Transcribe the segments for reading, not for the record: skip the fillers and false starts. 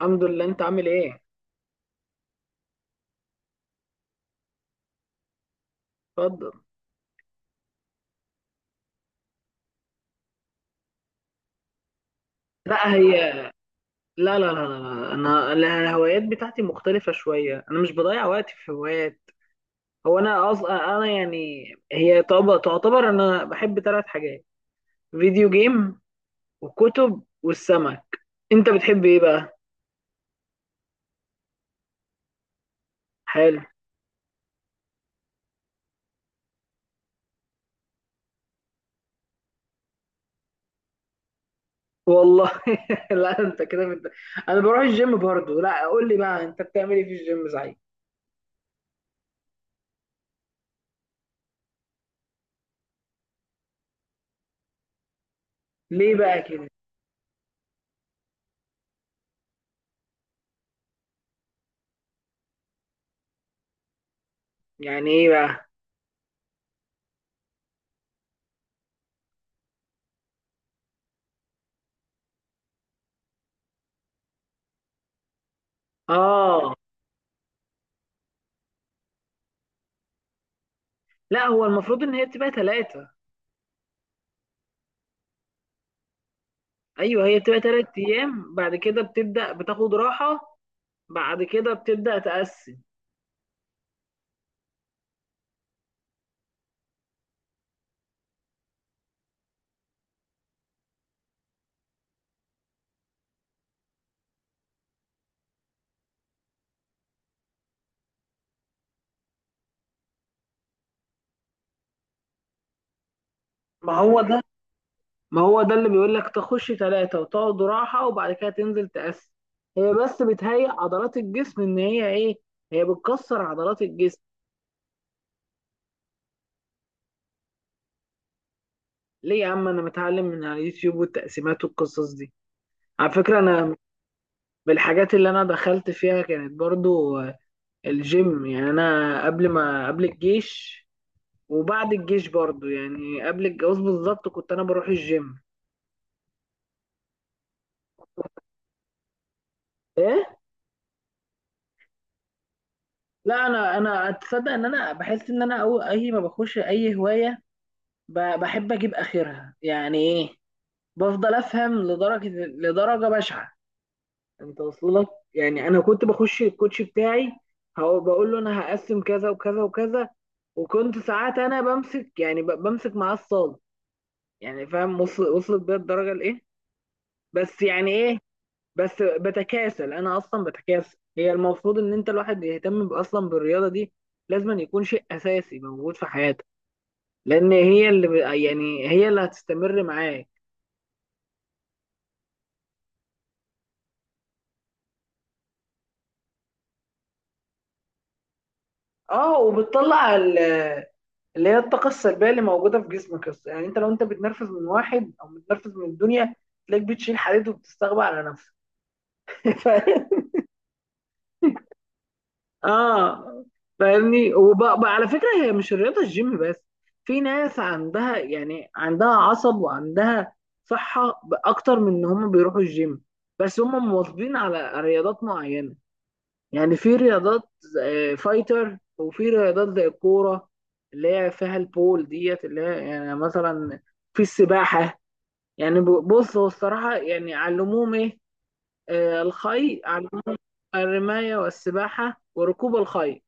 الحمد لله، انت عامل ايه؟ اتفضل. لا هي لا لا لا لا انا الهوايات بتاعتي مختلفة شوية، انا مش بضيع وقتي في هوايات. هو انا اصلا انا يعني تعتبر انا بحب ثلاث حاجات: فيديو جيم، والكتب، والسمك. انت بتحب ايه بقى؟ حلو. والله لا انت كده بت... انا بروح الجيم برضو، لا قول لي بقى انت بتعمل ايه في الجيم صحيح. ليه بقى كده؟ يعني ايه بقى؟ اه. لا هو المفروض ان هي تبقى ثلاثة. ايوه، هي بتبقى تلات ايام، بعد كده بتبدا بتاخد راحه، بعد كده بتبدا تقسم. ما هو ده ما هو ده اللي بيقول لك تخش ثلاثه وتقعد راحه وبعد كده تنزل تقسم. هي بس بتهيئ عضلات الجسم ان هي ايه، هي بتكسر عضلات الجسم. ليه يا عم، انا متعلم من على اليوتيوب والتقسيمات والقصص دي. على فكره انا بالحاجات اللي انا دخلت فيها كانت برضو الجيم، يعني انا قبل ما قبل الجيش وبعد الجيش برضو يعني قبل الجواز بالظبط كنت انا بروح الجيم. ايه. لا انا اتصدق ان انا بحس ان انا أو اي ما بخش اي هوايه، بحب اجيب اخرها، يعني ايه؟ بفضل افهم لدرجه، لدرجه بشعه، انت واصل لك. يعني انا كنت بخش الكوتش بتاعي هو بقول له انا هقسم كذا وكذا وكذا، وكنت ساعات انا بمسك يعني بمسك معاه الصاله. يعني فاهم، وصلت بيا الدرجه لايه، بس يعني ايه، بس بتكاسل. انا اصلا بتكاسل، هي المفروض ان انت الواحد يهتم اصلا بالرياضه دي، لازم يكون شيء اساسي موجود في حياتك، لان هي اللي يعني هي اللي هتستمر معاك. اه، اللي هي الطاقه السلبيه اللي موجوده في جسمك أصلاً. يعني انت لو انت بتنرفز من واحد او بتنرفز من الدنيا، تلاقيك بتشيل حديد وبتستغبى على نفسك. اه، فاهمني. وبقى على فكره، هي مش الرياضه الجيم بس، في ناس عندها يعني عندها عصب وعندها صحه اكتر من ان هم بيروحوا الجيم، بس هم مواظبين على رياضات معينه. يعني في رياضات فايتر، وفي رياضات زي الكوره اللي هي فيها البول ديت، اللي هي يعني مثلا في السباحه. يعني بص، هو الصراحه يعني علموهم ايه؟ الخي علموهم الرمايه والسباحه وركوب الخيل.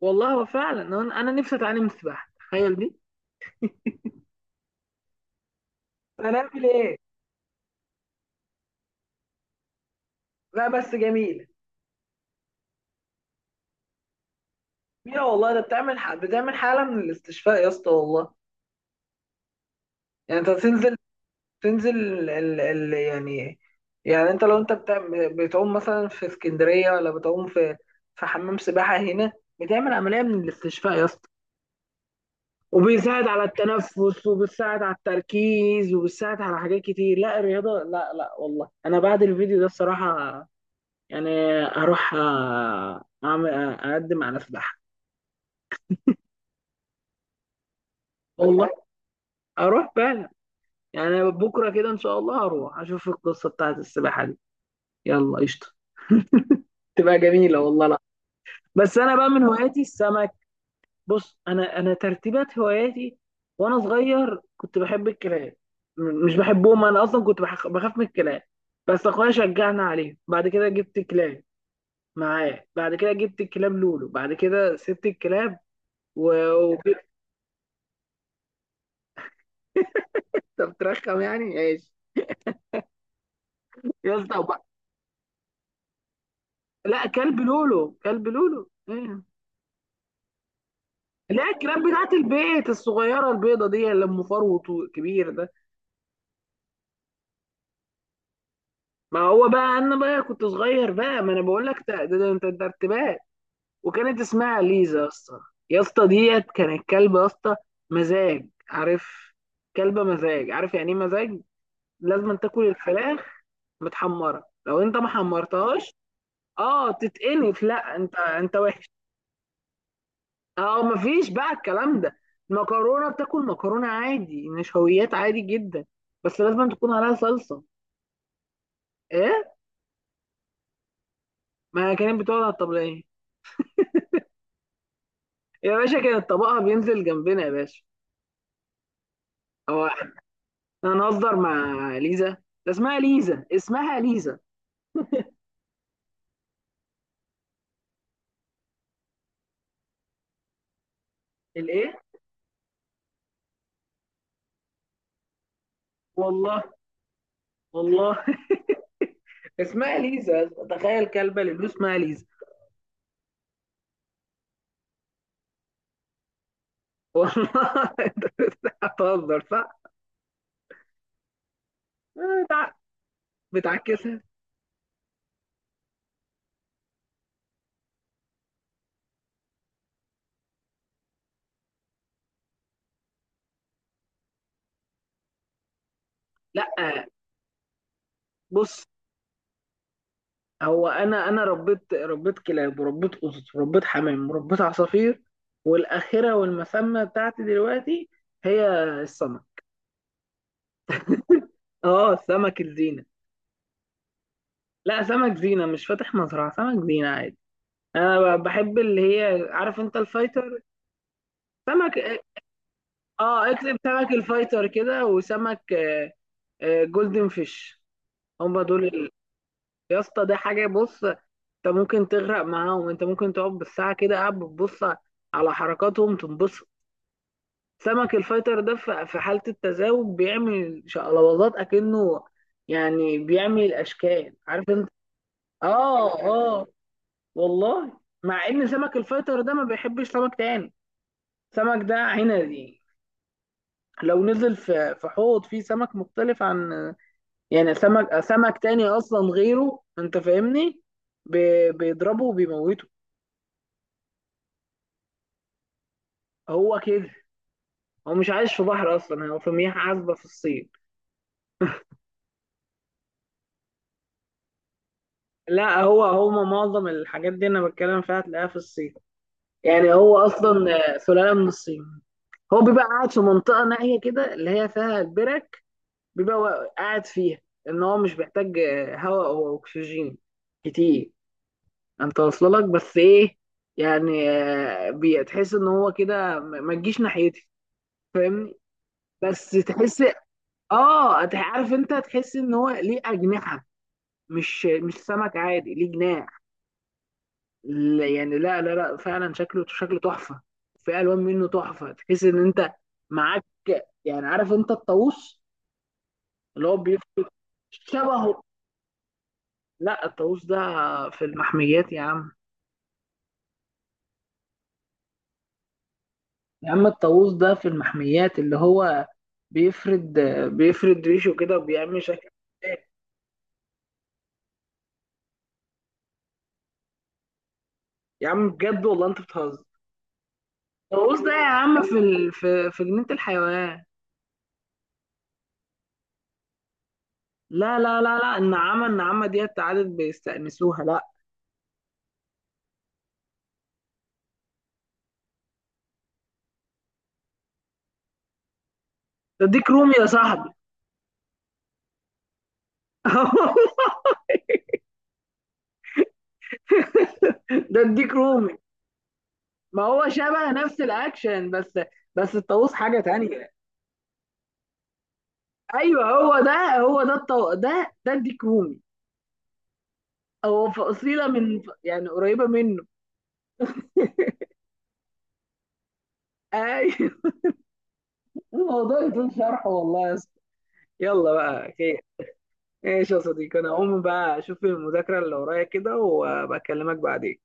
والله هو فعلا انا نفسي اتعلم السباحه، تخيل دي. هنعمل ايه؟ لا بس جميل. يا والله، ده بتعمل حاله من الاستشفاء يا اسطى والله. يعني انت تنزل، يعني يعني انت لو انت بتعوم مثلا في اسكندريه، ولا بتعوم في حمام سباحه هنا، بتعمل عمليه من الاستشفاء يا اسطى، وبيساعد على التنفس، وبيساعد على التركيز، وبيساعد على حاجات كتير. لا الرياضه، لا لا والله، انا بعد الفيديو ده الصراحه يعني اروح اعمل اقدم على سباحه. والله اروح فعلا، يعني بكره كده ان شاء الله هروح اشوف القصه بتاعت السباحه دي. يلا قشطه، تبقى جميله والله. لا بس انا بقى من هواياتي السمك. بص، انا ترتيبات هواياتي: وانا صغير كنت بحب الكلاب، مش بحبهم، انا اصلا كنت بخاف من الكلاب، بس اخويا شجعنا عليه، بعد كده جبت كلاب معاه، بعد كده جبت الكلاب لولو، بعد كده سبت الكلاب و... وجبت- طب ترخم يعني. يا اسطى وب- لا كلب لولو، كلب لولو، ايوه. لا الكلاب بتاعت البيت الصغيره البيضه دي اللي ام فروت كبير ده. ما هو بقى انا بقى كنت صغير بقى، ما انا بقول لك، ده ارتباك. وكانت اسمها ليزا يا اسطى. يا اسطى ديت كانت كلبه يا اسطى، مزاج، عارف؟ كلبه مزاج، عارف يعني ايه مزاج؟ لازم تاكل الفراخ متحمره، لو انت ما حمرتهاش، اه تتقنف. لا انت وحش. اه، مفيش بقى الكلام ده. المكرونه، بتاكل مكرونه عادي، نشويات عادي جدا، بس لازم تكون عليها صلصه. ايه؟ ما هي كانت بتقعد على الطبليه. يا باشا كانت طبقها بينزل جنبنا يا باشا. هو احنا هنهزر مع ليزا؟ ده اسمها ليزا، اسمها ليزا. الايه؟ والله. والله. اسمها ليزا، تخيل، كلبه اللي اسمها ليزا. والله انت بتهزر صح؟ آه، بتع- بتعكسها. لا بص، هو انا ربيت كلاب، وربيت قطط، وربيت حمام، وربيت عصافير، والاخره والمسمى بتاعتي دلوقتي هي السمك. اه، سمك الزينه. لا سمك زينه، مش فاتح مزرعه، سمك زينه عادي. انا بحب اللي هي، عارف انت الفايتر، سمك، اه اكتب سمك الفايتر كده، وسمك جولدن فيش، هما دول يا اسطى ده حاجه، بص، انت ممكن تغرق معاهم، انت ممكن تقعد بالساعه كده قاعد بتبص على حركاتهم تنبسط. سمك الفايتر ده في حالة التزاوج بيعمل شقلباظات أكنه، يعني بيعمل أشكال، عارف أنت. آه. والله، مع إن سمك الفايتر ده ما بيحبش سمك تاني، سمك ده عنزي، لو نزل في حوض فيه سمك مختلف عن، يعني سمك تاني أصلا غيره، أنت فاهمني، بيضربه وبيموته. هو كده، هو مش عايش في بحر أصلا، هو في مياه عذبة في الصين. لا، هو معظم الحاجات دي انا بتكلم فيها هتلاقيها في الصين، يعني هو اصلا سلاله من الصين. هو بيبقى قاعد في منطقه نائيه كده اللي هي فيها البرك، بيبقى قاعد فيها، ان هو مش بيحتاج هواء او اكسجين كتير. انت واصله لك، بس ايه، يعني بتحس ان هو كده، ما تجيش ناحيتي، فاهمني؟ بس تحس، اه، عارف انت، تحس ان هو ليه اجنحه، مش سمك عادي ليه جناح. يعني لا لا لا، فعلا شكله، شكله تحفه، في الوان منه تحفه، تحس ان انت معاك، يعني عارف انت الطاووس اللي هو شبهه. لا الطاووس ده في المحميات يا عم. يا عم الطاووس ده في المحميات، اللي هو بيفرد، بيفرد ريشه كده وبيعمل شكل. يا عم بجد والله انت بتهزر. الطاووس ده يا عم في في جنينة الحيوان. لا لا لا لا، النعامة، النعامة ديت عادت بيستأنسوها، لا. ده ديك رومي يا صاحبي. ده الديك رومي، ما هو شبه، نفس الاكشن بس، بس الطاووس حاجه تانية. ايوه هو ده، هو ده الطو... ده ده الديك رومي، هو فصيله من يعني قريبه منه. ايوه. الموضوع يطول شرحه والله يا اسطى. يلا بقى خير. ايش يا صديقي، انا هقوم بقى اشوف المذاكره اللي ورايا كده وبكلمك بعدين.